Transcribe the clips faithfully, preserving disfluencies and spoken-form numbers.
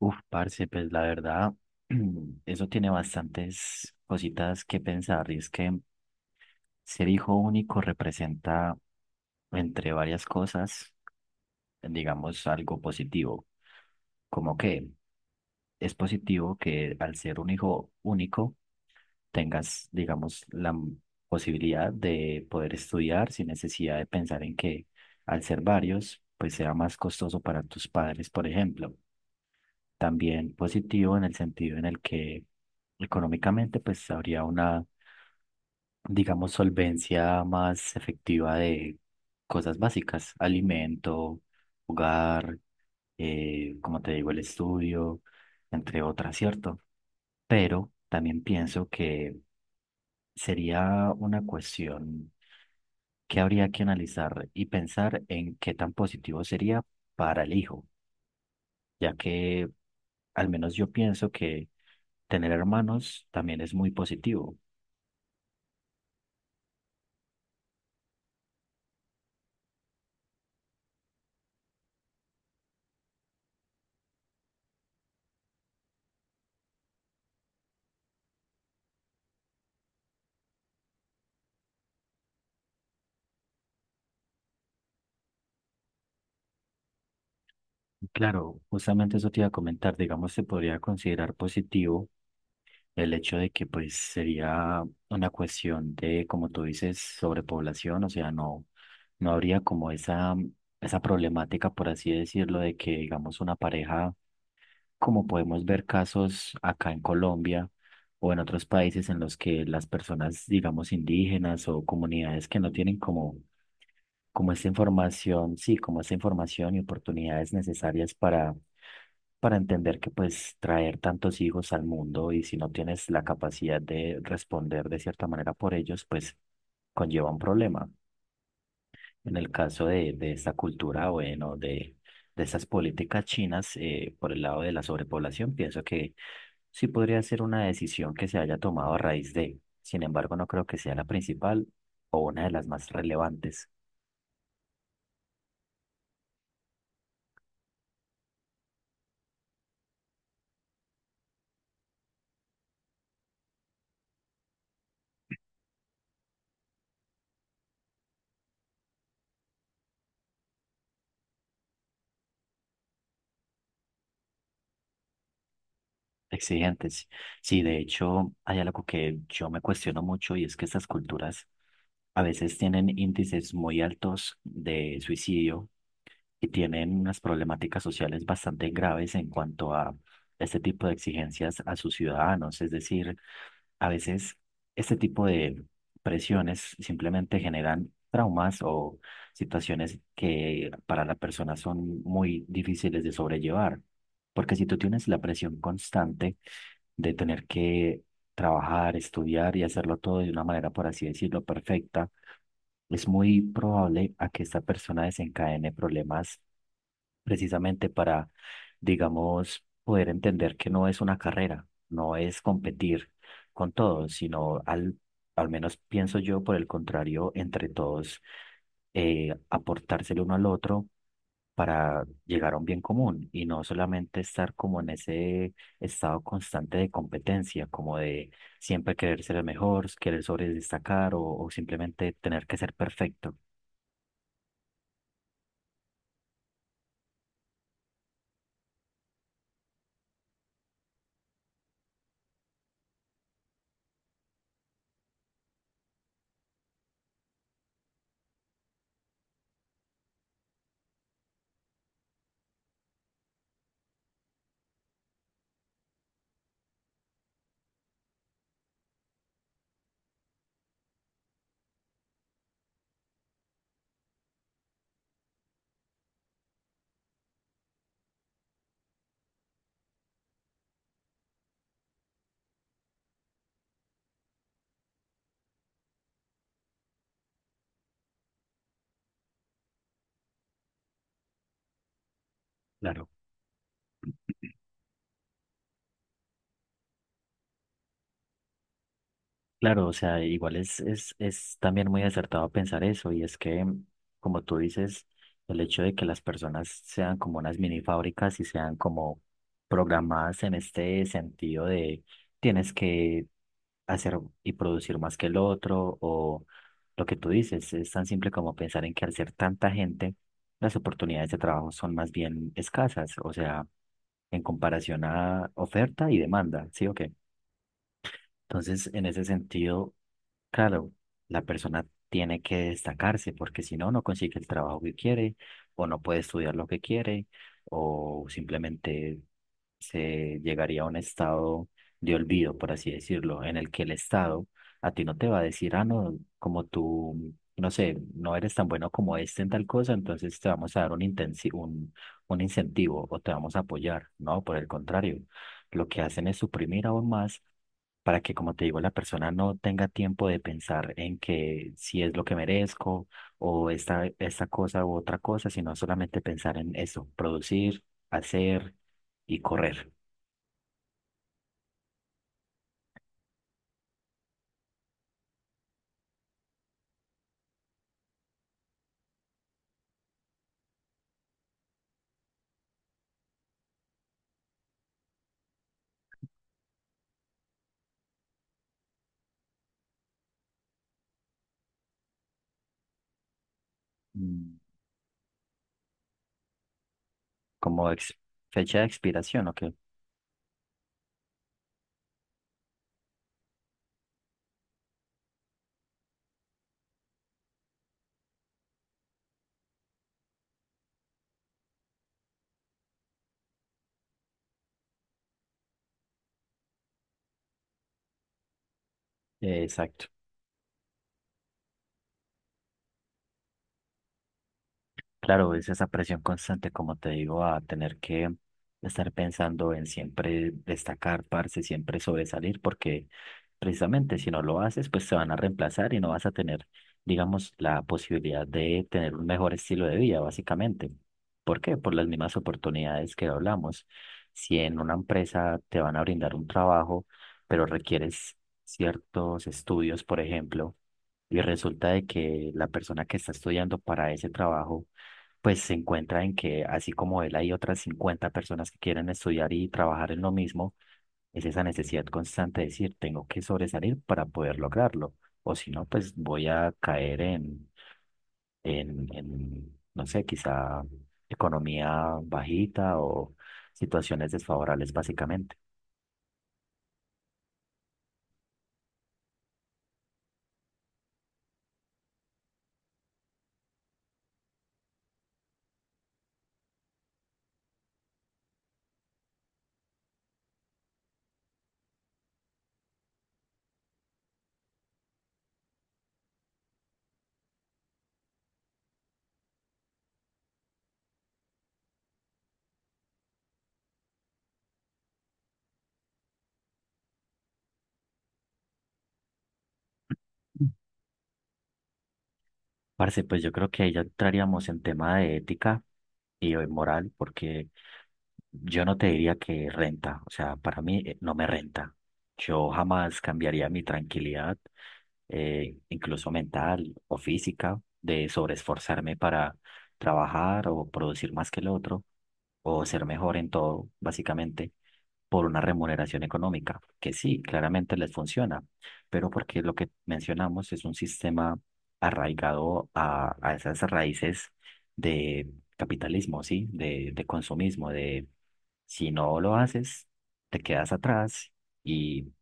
Uf, parce, pues la verdad, eso tiene bastantes cositas que pensar. Y es que ser hijo único representa, entre varias cosas, digamos, algo positivo. Como que es positivo que al ser un hijo único tengas, digamos, la m- posibilidad de poder estudiar sin necesidad de pensar en que al ser varios, pues sea más costoso para tus padres, por ejemplo. También positivo en el sentido en el que económicamente pues habría una, digamos, solvencia más efectiva de cosas básicas, alimento, hogar, eh, como te digo, el estudio, entre otras, ¿cierto? Pero también pienso que sería una cuestión que habría que analizar y pensar en qué tan positivo sería para el hijo, ya que al menos yo pienso que tener hermanos también es muy positivo. Claro, justamente eso te iba a comentar, digamos, se podría considerar positivo el hecho de que pues sería una cuestión de, como tú dices, sobrepoblación, o sea, no, no habría como esa, esa problemática, por así decirlo, de que digamos una pareja como podemos ver casos acá en Colombia o en otros países en los que las personas, digamos, indígenas o comunidades que no tienen como, como esta información, sí, como esta información y oportunidades necesarias para, para entender que pues traer tantos hijos al mundo y si no tienes la capacidad de responder de cierta manera por ellos, pues conlleva un problema. En el caso de, de esta cultura, bueno, de, de estas políticas chinas, eh, por el lado de la sobrepoblación, pienso que sí podría ser una decisión que se haya tomado a raíz de, sin embargo, no creo que sea la principal o una de las más relevantes, exigentes. Sí, de hecho, hay algo que yo me cuestiono mucho y es que estas culturas a veces tienen índices muy altos de suicidio y tienen unas problemáticas sociales bastante graves en cuanto a este tipo de exigencias a sus ciudadanos. Es decir, a veces este tipo de presiones simplemente generan traumas o situaciones que para la persona son muy difíciles de sobrellevar. Porque si tú tienes la presión constante de tener que trabajar, estudiar y hacerlo todo de una manera, por así decirlo, perfecta, es muy probable a que esta persona desencadene problemas precisamente para, digamos, poder entender que no es una carrera, no es competir con todos, sino al, al menos pienso yo, por el contrario, entre todos, eh, aportárselo uno al otro para llegar a un bien común y no solamente estar como en ese estado constante de competencia, como de siempre querer ser el mejor, querer sobredestacar o, o simplemente tener que ser perfecto. Claro, claro, o sea, igual es, es, es también muy acertado pensar eso y es que, como tú dices, el hecho de que las personas sean como unas mini fábricas y sean como programadas en este sentido de tienes que hacer y producir más que el otro o lo que tú dices, es tan simple como pensar en que al ser tanta gente, las oportunidades de trabajo son más bien escasas, o sea, en comparación a oferta y demanda, ¿sí o qué? Entonces, en ese sentido, claro, la persona tiene que destacarse porque si no, no consigue el trabajo que quiere o no puede estudiar lo que quiere o simplemente se llegaría a un estado de olvido, por así decirlo, en el que el Estado a ti no te va a decir, ah, no, como tú, no sé, no eres tan bueno como este en tal cosa, entonces te vamos a dar un, intensi- un, un incentivo o te vamos a apoyar, ¿no? Por el contrario, lo que hacen es suprimir aún más. Para que, como te digo, la persona no tenga tiempo de pensar en que si es lo que merezco o esta, esta cosa u otra cosa, sino solamente pensar en eso, producir, hacer y correr. Mm, Como ex- fecha de expiración, ok. Eh, exacto. Claro, es esa presión constante, como te digo, a tener que estar pensando en siempre destacar, parce, siempre sobresalir, porque precisamente si no lo haces, pues te van a reemplazar y no vas a tener, digamos, la posibilidad de tener un mejor estilo de vida, básicamente. ¿Por qué? Por las mismas oportunidades que hablamos. Si en una empresa te van a brindar un trabajo, pero requieres ciertos estudios, por ejemplo, y resulta de que la persona que está estudiando para ese trabajo, pues se encuentra en que así como él hay otras cincuenta personas que quieren estudiar y trabajar en lo mismo, es esa necesidad constante de decir, tengo que sobresalir para poder lograrlo, o si no, pues voy a caer en, en, en, no sé, quizá economía bajita o situaciones desfavorables básicamente. Mm. Parce, pues yo creo que ahí ya entraríamos en tema de ética y moral, porque yo no te diría que renta, o sea, para mí, eh, no me renta. Yo jamás cambiaría mi tranquilidad, eh, incluso mental o física, de sobreesforzarme para trabajar o producir más que el otro o ser mejor en todo, básicamente, por una remuneración económica, que sí, claramente les funciona, pero porque lo que mencionamos es un sistema arraigado a, a esas raíces de capitalismo, ¿sí? De, de consumismo, de si no lo haces, te quedas atrás y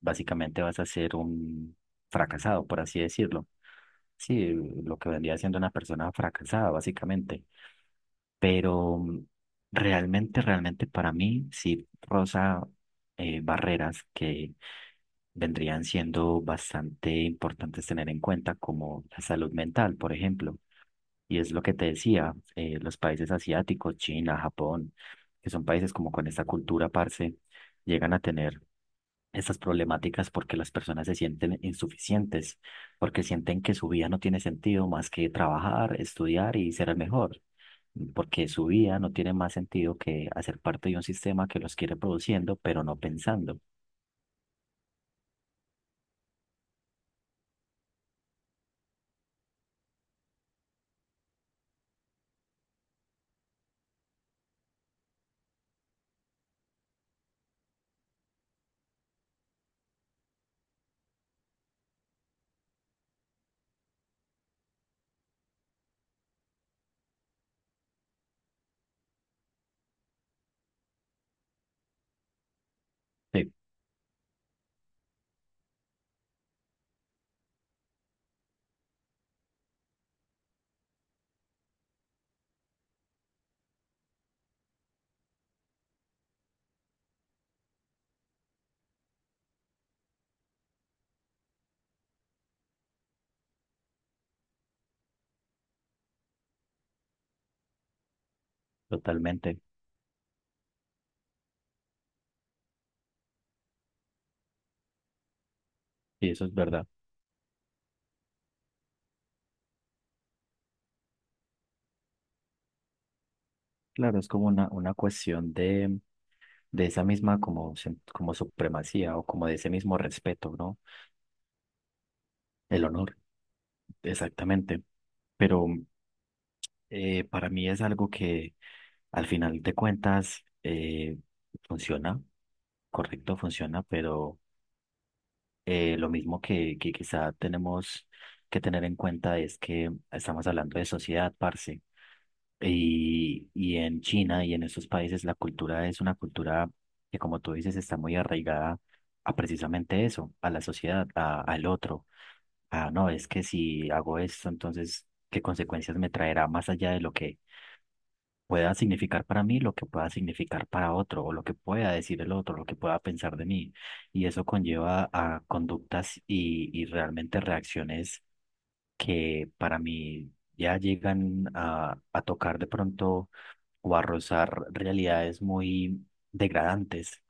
básicamente vas a ser un fracasado, por así decirlo. Sí, lo que vendría siendo una persona fracasada, básicamente. Pero mm, realmente, realmente para mí sí rosa, eh, barreras que vendrían siendo bastante importantes tener en cuenta, como la salud mental, por ejemplo. Y es lo que te decía, eh, los países asiáticos, China, Japón, que son países como con esta cultura, parce, llegan a tener estas problemáticas porque las personas se sienten insuficientes, porque sienten que su vida no tiene sentido más que trabajar, estudiar y ser el mejor, porque su vida no tiene más sentido que hacer parte de un sistema que los quiere produciendo, pero no pensando. Sí, totalmente. Y eso es verdad. Claro, es como una, una cuestión de de esa misma como, se- como supremacía o como de ese mismo respeto, ¿no? El honor, exactamente. Pero eh, para mí es algo que al final de cuentas eh, funciona, correcto, funciona, pero eh, lo mismo que, que quizá tenemos que tener en cuenta es que estamos hablando de sociedad, parce. Y, y en China y en esos países la cultura es una cultura que, como tú dices, está muy arraigada a precisamente eso, a la sociedad, a- al otro. Ah, no, es que si hago esto, entonces, ¿qué consecuencias me traerá más allá de lo que pueda significar para mí, lo que pueda significar para otro, o lo que pueda decir el otro, lo que pueda pensar de mí? Y eso conlleva a conductas y, y realmente reacciones que para mí ya llegan a, a tocar de pronto o arrozar realidades muy degradantes.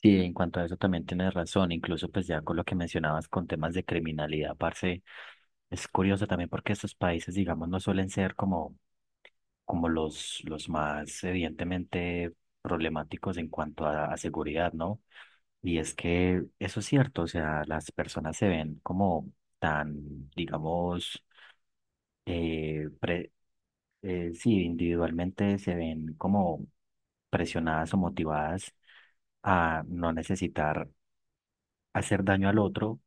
Sí, en cuanto a eso también tienes razón, incluso pues ya con lo que mencionabas con temas de criminalidad, parce, es curioso también porque estos países, digamos, no suelen ser como, como los, los más evidentemente problemáticos en cuanto a, a seguridad, ¿no? Y es que eso es cierto, o sea, las personas se ven como tan, digamos, Eh, sí, individualmente se ven como presionadas o motivadas a no necesitar hacer daño al otro,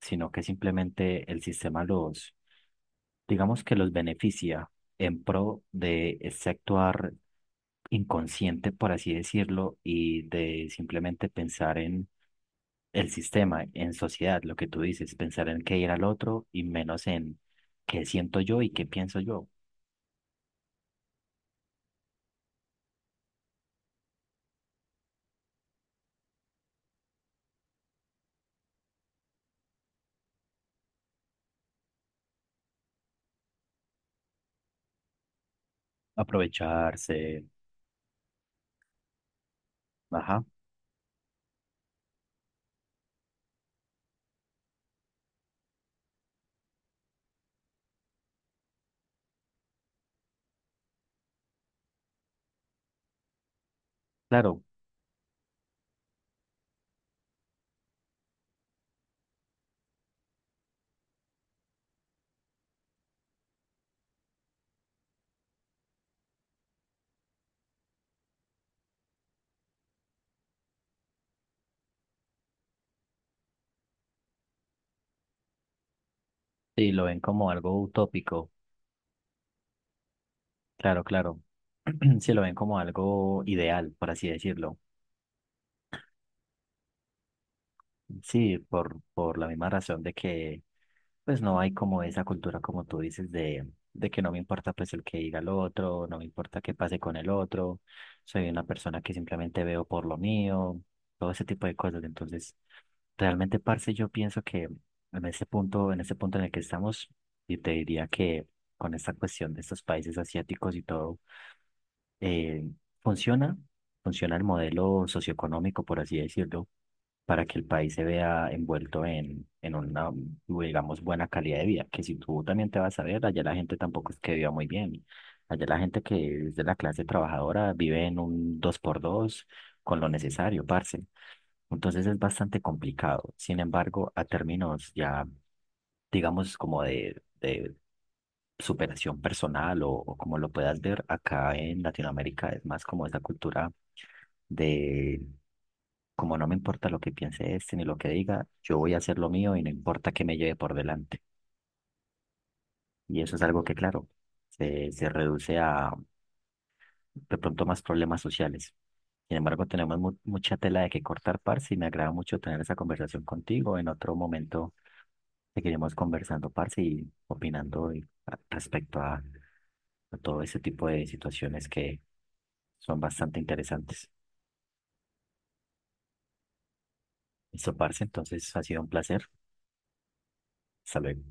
sino que simplemente el sistema los, digamos que los beneficia en pro de ese actuar inconsciente, por así decirlo, y de simplemente pensar en el sistema, en sociedad, lo que tú dices, pensar en qué ir al otro y menos en qué siento yo y qué pienso yo. Aprovecharse, ajá, claro, sí, lo ven como algo utópico, claro, claro, sí, lo ven como algo ideal, por así decirlo, sí, por, por la misma razón de que pues no hay como esa cultura, como tú dices, de, de que no me importa pues el que diga el otro, no me importa qué pase con el otro, soy una persona que simplemente veo por lo mío, todo ese tipo de cosas. Entonces, realmente, parce, yo pienso que en ese punto, en ese punto en el que estamos, y te diría que con esta cuestión de estos países asiáticos y todo, eh, funciona, funciona el modelo socioeconómico, por así decirlo, para que el país se vea envuelto en, en una, digamos, buena calidad de vida. Que si tú también te vas a ver, allá la gente tampoco es que viva muy bien. Allá la gente que es de la clase trabajadora vive en un dos por dos con lo necesario, parce. Entonces es bastante complicado. Sin embargo, a términos ya, digamos, como de, de superación personal o, o como lo puedas ver acá en Latinoamérica, es más como esa cultura de, como no me importa lo que piense este ni lo que diga, yo voy a hacer lo mío y no importa que me lleve por delante. Y eso es algo que, claro, se, se reduce a, de pronto más problemas sociales. Sin embargo, tenemos mu- mucha tela de que cortar, parce, y me agrada mucho tener esa conversación contigo. En otro momento seguiremos conversando, parce, y opinando y- a- respecto a, a todo ese tipo de situaciones que son bastante interesantes. Listo, parce, entonces ha sido un placer. Hasta luego.